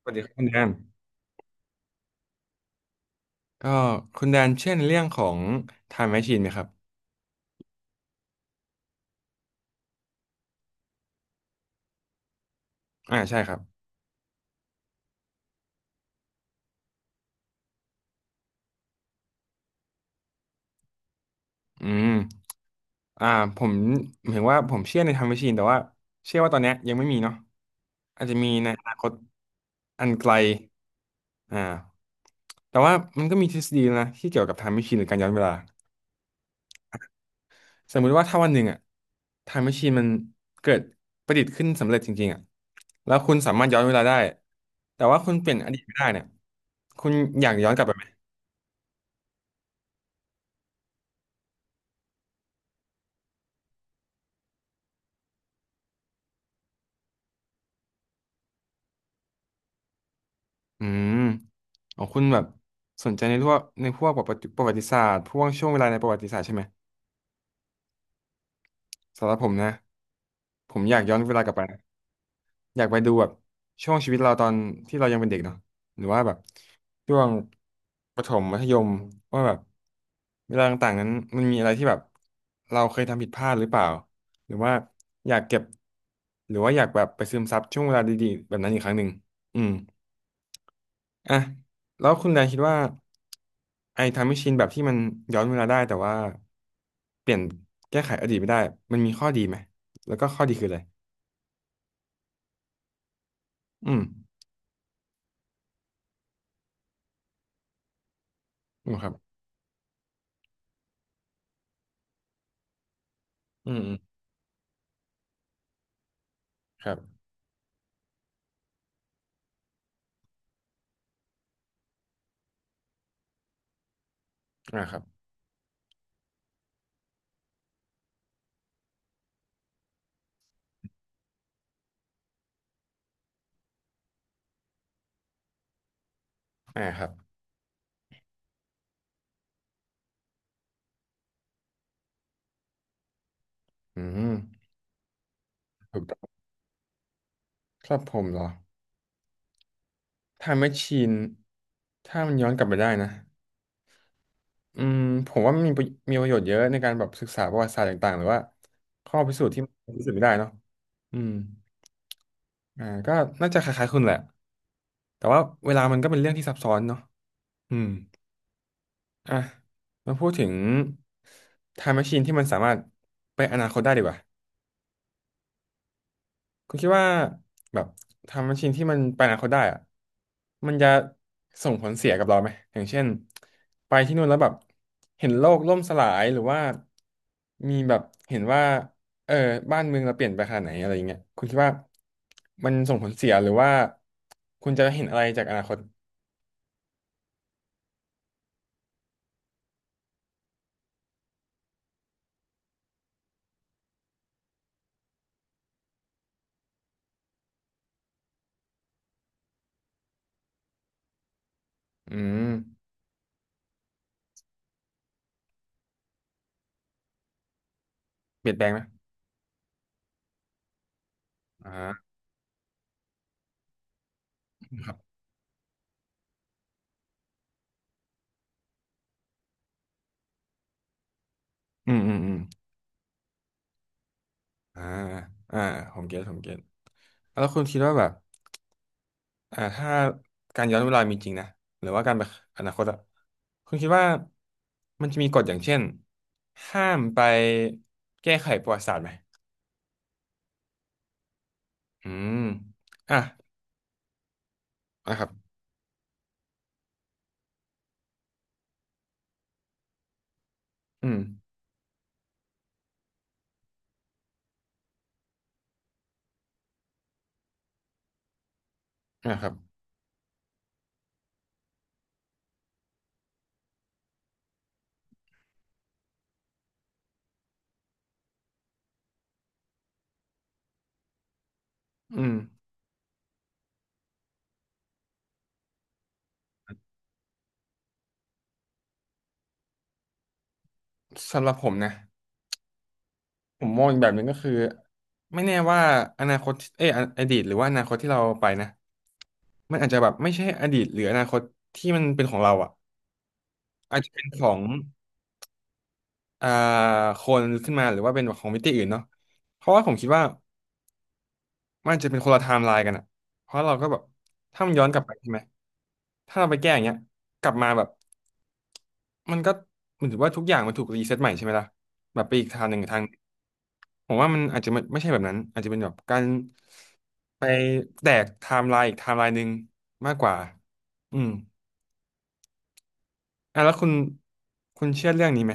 สวัสดีครับคุณแดนก็คุณแดนเช่นเรื่องของ Time Machine ไหมครับอ่าใช่ครับอืมอ่าผมหมายถึงว่าผมเชื่อใน Time Machine แต่ว่าเชื่อว่าตอนเนี้ยยังไม่มีเนาะอาจจะมีในอนาคตอันไกลอ่าแต่ว่ามันก็มีทฤษฎีนะที่เกี่ยวกับ Time Machine หรือการย้อนเวลาสมมุติว่าถ้าวันหนึ่งอะ Time Machine มันเกิดประดิษฐ์ขึ้นสำเร็จจริงๆอะแล้วคุณสามารถย้อนเวลาได้แต่ว่าคุณเปลี่ยนอดีตไม่ได้เนี่ยคุณอยากย้อนกลับไปไหม อืมอ๋อคุณแบบสนใจในพวกประวัติศาสตร์พวกช่วงเวลาในประวัติศาสตร์ใช่ไหมสำหรับผมนะผมอยากย้อนเวลากลับไปนะอยากไปดูแบบช่วงชีวิตเราตอนที่เรายังเป็นเด็กเนาะหรือว่าแบบช่วงประถมมัธยมว่าแบบเวลาต่างๆนั้นมันมีอะไรที่แบบเราเคยทำผิดพลาดหรือเปล่าหรือว่าอยากเก็บหรือว่าอยากแบบไปซึมซับช่วงเวลาดีๆแบบนั้นอีกครั้งหนึ่งอืม อ่ะแล้วคุณแดนคิดว่าไอ้ไทม์แมชชีนแบบที่มันย้อนเวลาได้แต่ว่าเปลี่ยนแก้ไขอดีตไม่ได้มันมีข้อดีไหมแล้วก็ข้อดีคืออะไรอืมอืมครับอืมอืมครับอ่าครับอ่าครับอืมถูกต้องครับผมเหรอไทม์แมชชีนถ้ามันย้อนกลับไปได้นะอืมผมว่ามันมีประโยชน์เยอะในการแบบศึกษาประวัติศาสตร์ต่างๆหรือว่าข้อพิสูจน์ที่มันพิสูจน์ไม่ได้เนาะอืม ก็น่าจะคล้ายๆคุณแหละแต่ว่าเวลามันก็เป็นเรื่องที่ซับซ้อนเนาะอืมอ่ะมาพูดถึง Time Machine ที่มันสามารถไปอนาคตได้ดีกว่าคุณคิดว่าแบบ Time Machine ที่มันไปอนาคตได้อะมันจะส่งผลเสียกับเราไหมอย่างเช่นไปที่นู่นแล้วแบบเห็นโลกล่มสลายหรือว่ามีแบบเห็นว่าเออบ้านเมืองเราเปลี่ยนไปขนาดไหนอะไรอย่างเงี้ยคุณคิดว่ามันส่งผลเสียหรือว่าคุณจะเห็นอะไรจากอนาคต อืมเปลี่ยนแปลงไหมอ่าครับอืมอืมอืมอ่าอ่าผมเก็ตแล้วคุณคิดว่าแบบถ้าการย้อนเวลามีจริงนะหรือว่าการไปอนาคตอะคุณคิดว่ามันจะมีกฎอย่างเช่นห้ามไปแก้ไขประวัติศาสตร์ไหมอืมอ่ะนะครับอืมนะครับอืมสำหรับผมนะ ผมมองอีกแบบหนึ่งก็คือไม่แน่ว่าอนาคตเอยออดีตหรือว่าอนาคตที่เราไปนะมันอาจจะแบบไม่ใช่อดีตหรืออนาคตที่มันเป็นของเราอ่ะอาจจะเป็นของอ่าคนขึ้นมาหรือว่าเป็นของมิติอื่นเนาะเพราะว่าผมคิดว่ามันอาจจะเป็นคนละไทม์ไลน์กันอ่ะเพราะเราก็แบบถ้ามันย้อนกลับไปใช่ไหมถ้าเราไปแก้อย่างเงี้ยกลับมาแบบมันก็เหมือนถือว่าทุกอย่างมันถูกรีเซ็ตใหม่ใช่ไหมล่ะแบบไปอีกทางหนึ่งทาง ผมว่ามันอาจจะไม่ใช่แบบนั้นอาจจะเป็นแบบการไปแตกไทม์ไลน์อีกไทม์ไลน์หนึ่งมากกว่าอืมอ่ะแล้วคุณเชื่อเรื่องนี้ไหม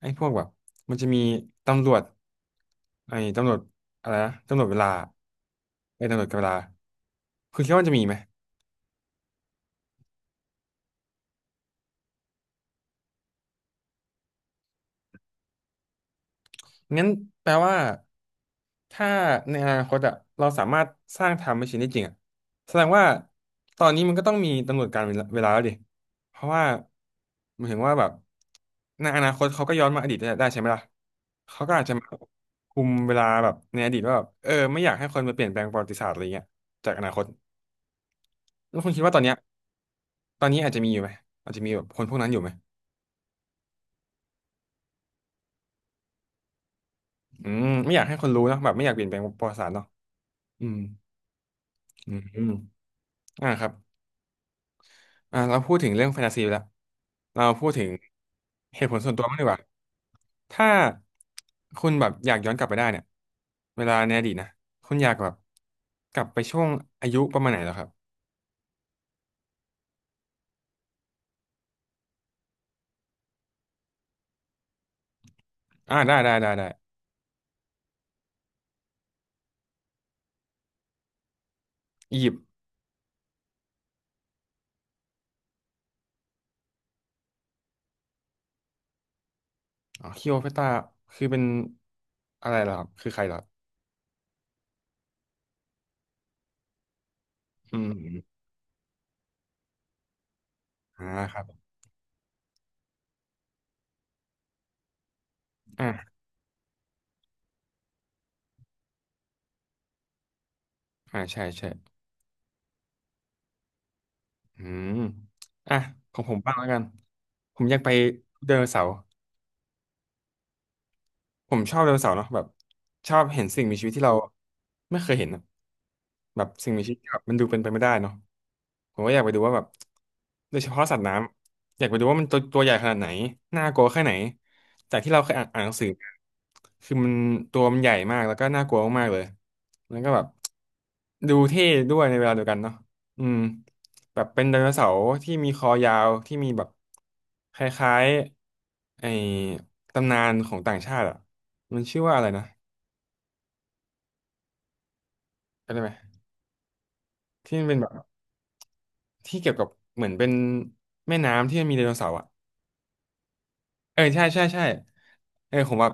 ไอ้พวกแบบมันจะมีตำรวจไอ้ตำรวจอะไรนะตำรวจเวลาไอ้ตำรวจกับเวลาคุณคิดว่ามันจะมีไหม งั้นแปลว่าถ้าในอนาคตอะเราสามารถสร้างไทม์แมชชีนได้จริงอะแสดงว่าตอนนี้มันก็ต้องมีกำหนดการเวลาแล้วดิเพราะว่าหมายถึงว่าแบบในอนาคตเขาก็ย้อนมาอดีตได้ใช่ไหมล่ะเขาก็อาจจะมาคุมเวลาแบบในอดีตว่าแบบเออไม่อยากให้คนมาเปลี่ยนแปลงประวัติศาสตร์อะไรเงี้ยจากอนาคตแล้วคุณคิดว่าตอนเนี้ยตอนนี้อาจจะมีอยู่ไหมอาจจะมีแบบคนพวกนั้นอยู่ไหมอืมไม่อยากให้คนรู้เนอะแบบไม่อยากเปลี่ยนแปลงประวัติศาสตร์เนาะอืมอืมอมอ่าครับ เราพูดถึงเรื่องแฟนตาซีไปแล้วเราพูดถึงเหตุผลส่วนตัวม้ากดีกว่าถ้าคุณแบบอยากย้อนกลับไปได้เนี่ยเวลาในอดีตนะคุณอยากแบบกลับไปช่วงอายุประมาณไหนเหรอครับอ่าได้อียิปต์อ๋อคลีโอพัตราคือเป็นอะไรเหรอครับคือใครเหรออืมอมอ่าครับอ่าอ่าใช่ใช่อืมอ่ะของผมบ้างแล้วกัน ผมอยากไปเดินนเสาร์ ผมชอบไดโนเสาร์เนาะแบบชอบเห็นสิ่งมีชีวิตที่เราไม่เคยเห็นอะแบบสิ่งมีชีวิตที่แบบมันดูเป็นไปไม่ได้เนาะผมก็อยากไปดูว่าแบบโดยเฉพาะสัตว์น้ำอยากไปดูว่ามันตัวใหญ่ขนาดไหนน่ากลัวแค่ไหนจากที่เราเคยอ่านหนังสือมาคือมันตัวมันใหญ่มากแล้วก็น่ากลัวมากๆเลยแล้วก็แบบดูเท่ด้วยในเวลาเดียวกันเนาะอืมแบบเป็นไดโนเสาร์ที่มีคอยาวที่มีแบบคล้ายๆไอ้ตำนานของต่างชาติอะ มันชื่อว่าอะไรนะจำได้ไหมที่มันเป็นแบบที่เกี่ยวกับเหมือนเป็นแม่น้ำที่มันมีไดโนเสาร์อ่ะเออใช่ใช่ใช่เออผมแบบ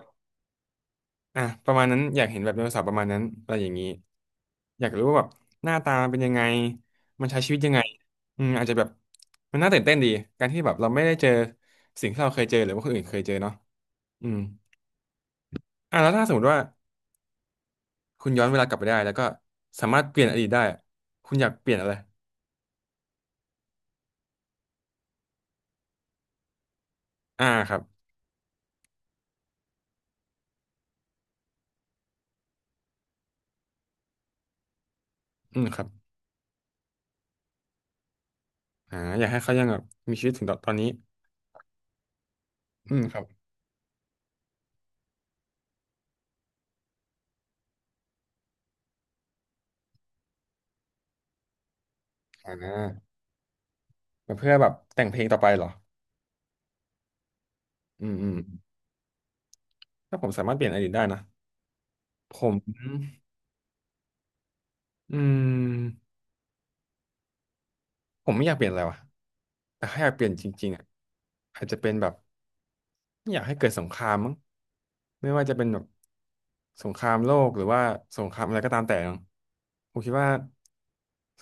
อ่ะประมาณนั้นอยากเห็นแบบไดโนเสาร์ประมาณนั้นอะไรอย่างนี้อยากรู้ว่าแบบหน้าตามันเป็นยังไงมันใช้ชีวิตยังไงอืมอาจจะแบบมันน่าตื่นเต้นดีการที่แบบเราไม่ได้เจอสิ่งที่เราเคยเจอหรือว่าคนอื่นเคยเจอเนาะอืมอ่ะแล้วถ้าสมมติว่าคุณย้อนเวลากลับไปได้แล้วก็สามารถเปลี่ยนอดีตได้คุณอยากเปลี่ยนอะไรอ่าครับอืมครับ อ่าอยากให้เขายังแบบมีชีวิตถึงตอนนี้อืมครับอ่าเพื่อแบบแต่งเพลงต่อไปเหรออืมถ้าผมสามารถเปลี่ยนอดีตได้นะผมอืมผมไม่อยากเปลี่ยนอะไรวะแต่ถ้าอยากเปลี่ยนจริงๆอ่ะอาจจะเป็นแบบไม่อยากให้เกิดสงครามมั้งไม่ว่าจะเป็นแบบสงครามโลกหรือว่าสงครามอะไรก็ตามแต่เนาะผมคิดว่า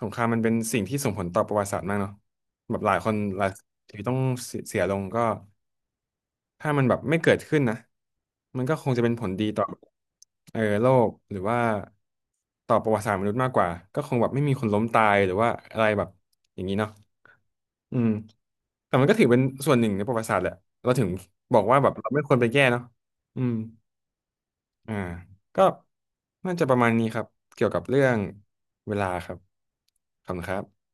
สงครามมันเป็นสิ่งที่ส่งผลต่อประวัติศาสตร์มากเนาะแบบหลายคนหลายชีวิตต้องเสียลงก็ ถ้ามันแบบไม่เกิดขึ้นนะมันก็คงจะเป็นผลดีต่อเออโลกหรือว่าต่อประวัติศาสตร์มนุษย์มากกว่าก็คงแบบไม่มีคนล้มตายหรือว่าอะไรแบบอย่างนี้เนาะอืมแต่มันก็ถือเป็นส่วนหนึ่งในประวัติศาสตร์แหละเราถึงบอกว่าแบบเราไม่ควรไปแก้เนาะอืมอ่าก็น่าจะประมาณนี้ครับเกี่ยวกับเรื่องเวลาครับขอบคุณครับ